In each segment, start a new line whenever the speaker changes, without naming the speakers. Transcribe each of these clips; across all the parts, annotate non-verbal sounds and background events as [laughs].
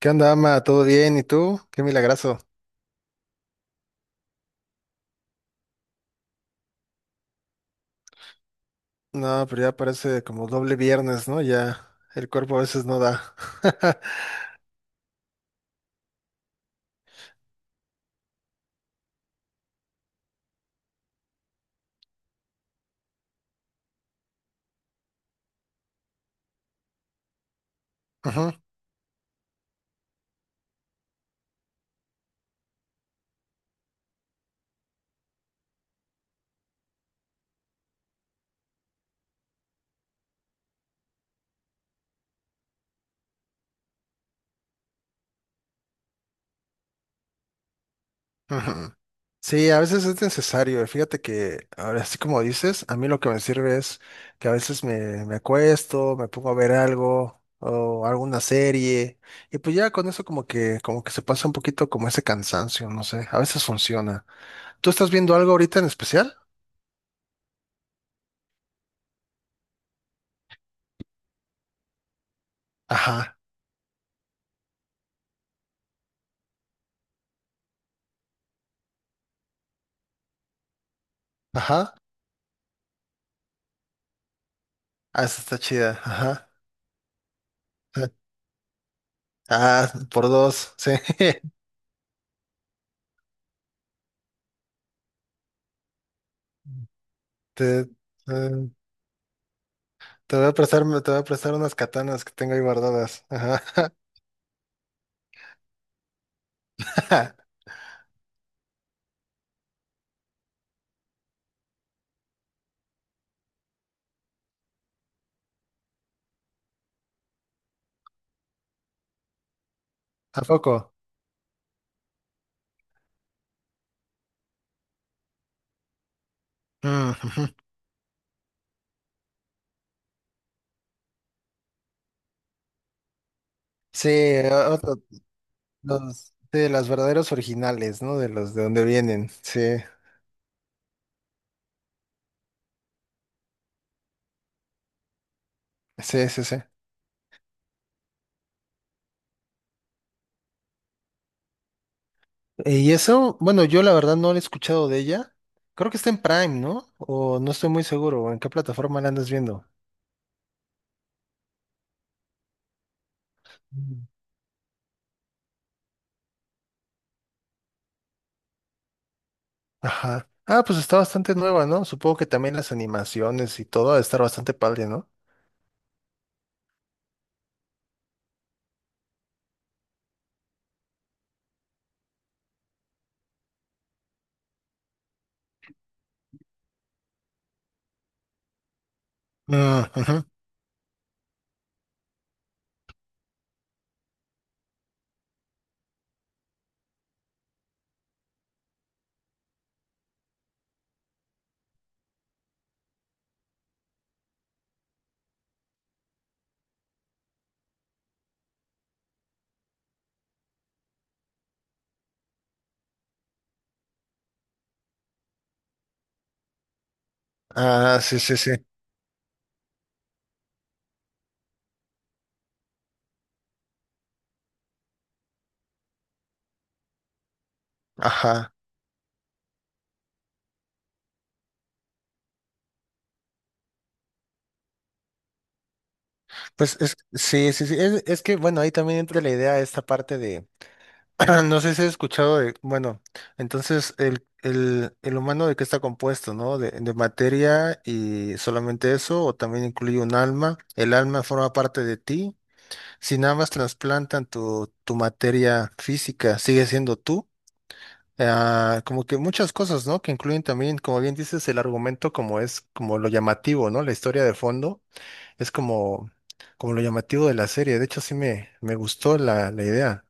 ¿Qué onda, ama? ¿Todo bien? ¿Y tú? Qué milagrazo. No, pero ya parece como doble viernes, ¿no? Ya el cuerpo a veces no da. [laughs] Ujú, ujú. Sí, a veces es necesario. Fíjate que ahora, así como dices, a mí lo que me sirve es que a veces me acuesto, me pongo a ver algo o alguna serie y pues ya con eso como que se pasa un poquito como ese cansancio, no sé. A veces funciona. ¿Tú estás viendo algo ahorita en especial? Ajá, ajá. Ah, esa está chida. Ajá. [laughs] Ah, por dos, sí. [laughs] Te, eh, Te voy a prestar, te voy a prestar unas katanas que tengo ahí guardadas. Ajá. [laughs] ¿A poco? Mm, ujú. Sí, otro- los, de las verdaderos originales, ¿no? De los de donde vienen. Sí, sí, sí, sí. Y eso, bueno, yo la verdad no lo he escuchado de ella. Creo que está en Prime, ¿no? O no estoy muy seguro. ¿O ¿En qué plataforma la andas viendo? Mm. Ajá. Ah, pues está bastante nueva, ¿no? Supongo que también las animaciones y todo ha de estar bastante padre, ¿no? Mm, ujú. Ah, sí, sí, sí. Ajá. Pues es, sí, sí, sí. Es que, bueno, ahí también entra la idea, esta parte de, [clears throat] no sé si has escuchado de, bueno, entonces el humano de qué está compuesto, ¿no? De materia y solamente eso, o también incluye un alma. El alma forma parte de ti. Si nada más trasplantan tu materia física, sigue siendo tú. Ah, como que muchas cosas, ¿no? Que incluyen también, como bien dices, el argumento como es, como lo llamativo, ¿no? La historia de fondo es como, como lo llamativo de la serie. De hecho, sí me gustó la idea.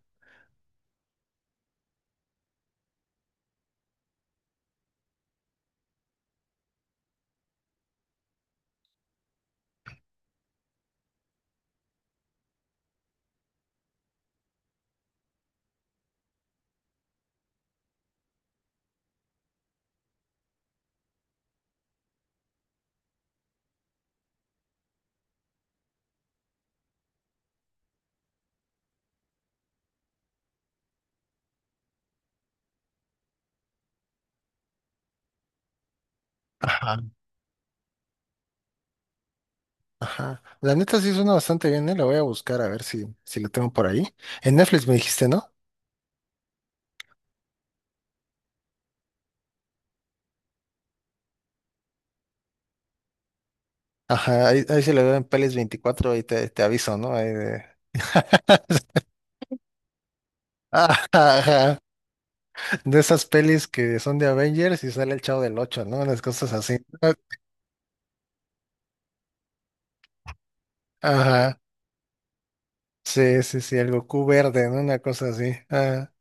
Ajá. Ajá. La neta sí suena bastante bien, ¿eh? La voy a buscar a ver si, si la tengo por ahí. En Netflix me dijiste, ¿no? Ajá, ahí, ahí se la veo en Pelis24 y te aviso, ¿no? Ahí de- [laughs] Ajá, ajá. De esas pelis que son de Avengers y sale el Chavo del ocho, ¿no? Unas cosas así. Ah, ajá. Sí, sí, sí, el Goku verde, ¿no? Una cosa así. Ah,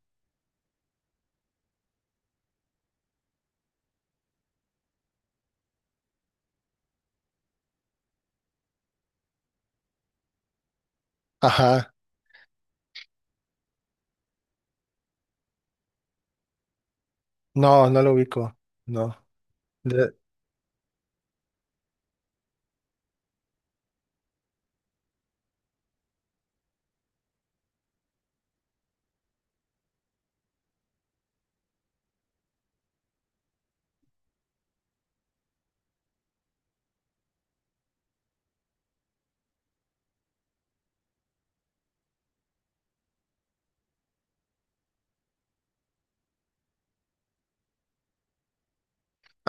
ajá. No, no lo ubico. No.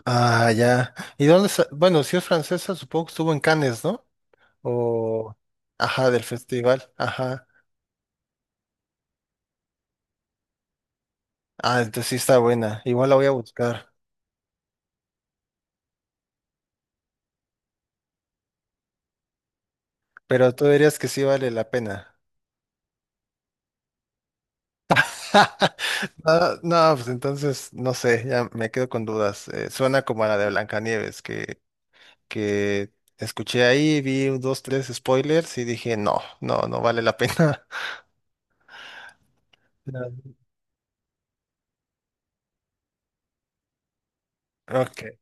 Ah, ya. ¿Y dónde sa- bueno, si es francesa, supongo que estuvo en Cannes, ¿no? O... Ajá, del festival. Ajá. Ah, entonces sí está buena. Igual la voy a buscar. Pero tú dirías que sí vale la pena. [laughs] No, no, pues entonces, no sé, ya me quedo con dudas. Suena como a la de Blancanieves, que escuché ahí, vi un, dos, tres spoilers y dije, no, no, no vale la pena. [laughs] Claro. Ok,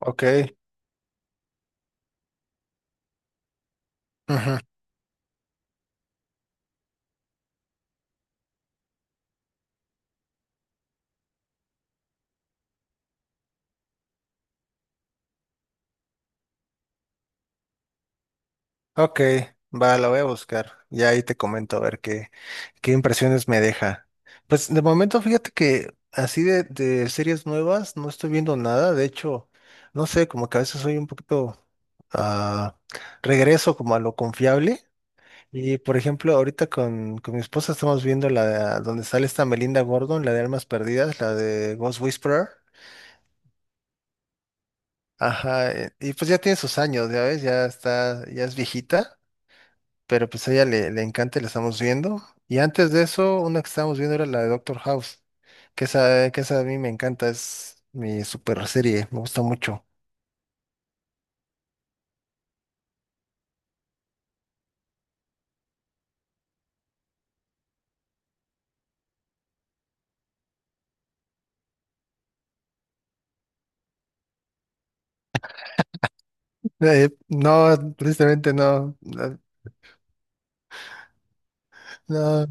ok. Ujú. Ok, va, la voy a buscar. Y ahí te comento a ver qué, qué impresiones me deja. Pues de momento, fíjate que así de series nuevas no estoy viendo nada. De hecho, no sé, como que a veces soy un poquito ah, regreso como a lo confiable. Y por ejemplo, ahorita con mi esposa estamos viendo la donde sale esta Melinda Gordon, la de Almas Perdidas, la de Ghost Whisperer. Ajá, y pues ya tiene sus años, ya ves, ya está, ya es viejita. Pero pues a ella le encanta y la estamos viendo. Y antes de eso, una que estábamos viendo era la de Doctor House, que esa a mí me encanta, es mi super serie, me gusta mucho. No, tristemente no, no, no.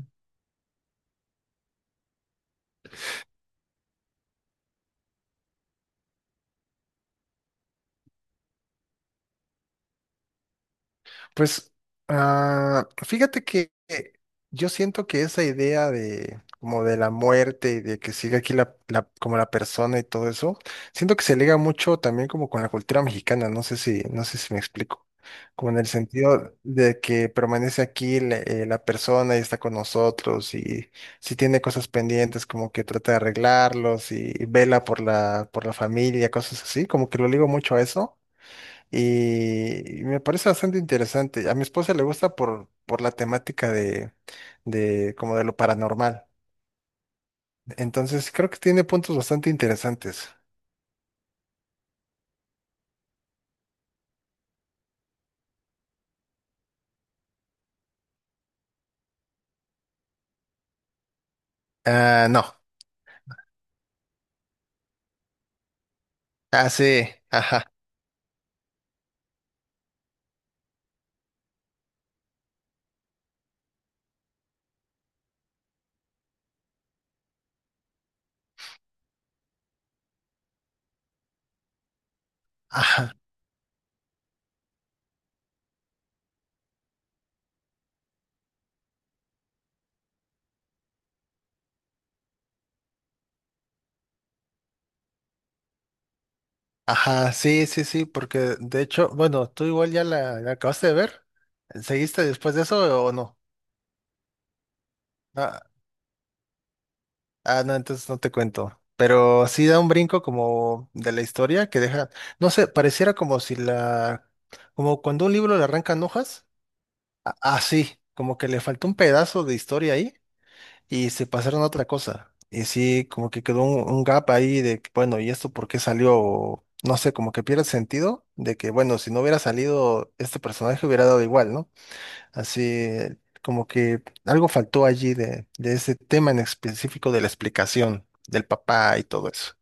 Pues fíjate que yo siento que esa idea de como de la muerte y de que sigue aquí como la persona y todo eso, siento que se liga mucho también como con la cultura mexicana, no sé si, no sé si me explico, como en el sentido de que permanece aquí la, la persona y está con nosotros y si tiene cosas pendientes como que trata de arreglarlos y, vela por la familia, cosas así, como que lo ligo mucho a eso. Y me parece bastante interesante. A mi esposa le gusta por la temática de como de lo paranormal. Entonces creo que tiene puntos bastante interesantes. Ah, no. Ah, sí. Ajá. Ajá. Ajá. Sí, sí, sí. Porque de hecho, bueno, tú igual ya la acabaste de ver. ¿Seguiste después de eso o no? Ah, ah, no, entonces no te cuento. Pero sí da un brinco como de la historia que deja, no sé, pareciera como si la, como cuando un libro le arrancan hojas. Así, como que le faltó un pedazo de historia ahí y se pasaron a otra cosa. Y sí, como que quedó un gap ahí de, que, bueno, ¿y esto por qué salió? O, no sé, como que pierde sentido de que, bueno, si no hubiera salido este personaje hubiera dado igual, ¿no? Así, como que algo faltó allí de ese tema en específico de la explicación del papá y todo eso.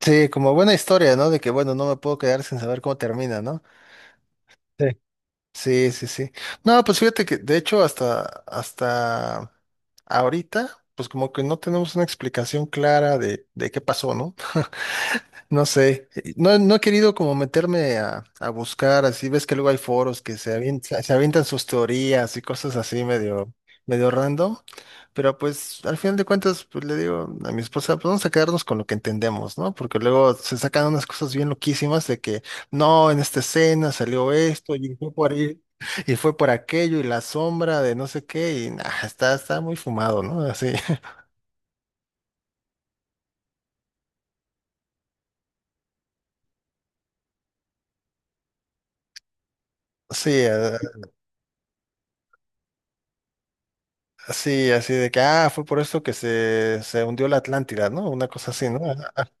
Sí, como buena historia, ¿no? De que, bueno, no me puedo quedar sin saber cómo termina, ¿no? Sí. Sí, sí, sí. No, pues fíjate que, de hecho, hasta, hasta ahorita, pues como que no tenemos una explicación clara de qué pasó, ¿no? No sé, no, no he querido como meterme a buscar, así ves que luego hay foros que se avientan sus teorías y cosas así medio, medio random, pero pues al final de cuentas pues le digo a mi esposa, pues vamos a quedarnos con lo que entendemos, ¿no? Porque luego se sacan unas cosas bien loquísimas de que no, en esta escena salió esto y fue por ahí, y fue por aquello y la sombra de no sé qué y nah, está, está muy fumado, ¿no? Así, [laughs] sí. Sí, así de que, ah, fue por esto que se hundió la Atlántida, ¿no? Una cosa así, ¿no? [laughs] Sí,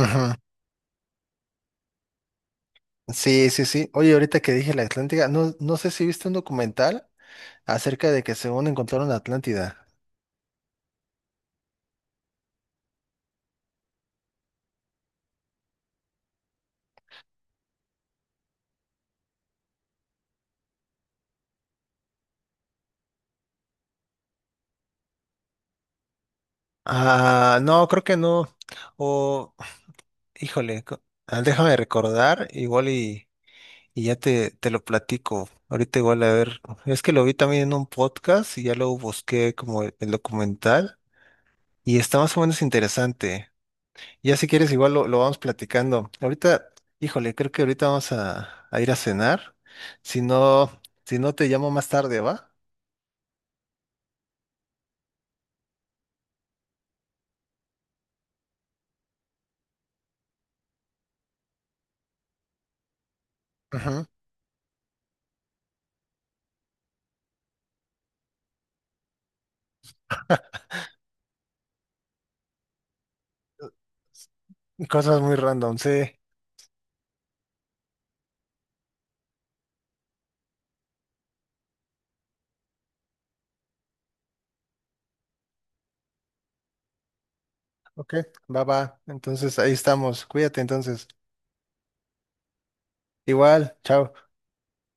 ujú. Sí, sí. Sí. Oye, ahorita que dije la Atlántida, no, no sé si viste un documental acerca de que según encontraron la Atlántida. Ah, no, creo que no. O, híjole, déjame recordar, igual y ya te lo platico. Ahorita igual a ver, es que lo vi también en un podcast y ya luego busqué como el documental y está más o menos interesante. Ya si quieres, igual lo vamos platicando. Ahorita, híjole, creo que ahorita vamos a ir a cenar. Si no, si no te llamo más tarde, ¿va? Ujú. Cosas muy random, sí. Ok, va, va. Entonces ahí estamos. Cuídate entonces. Igual, chao.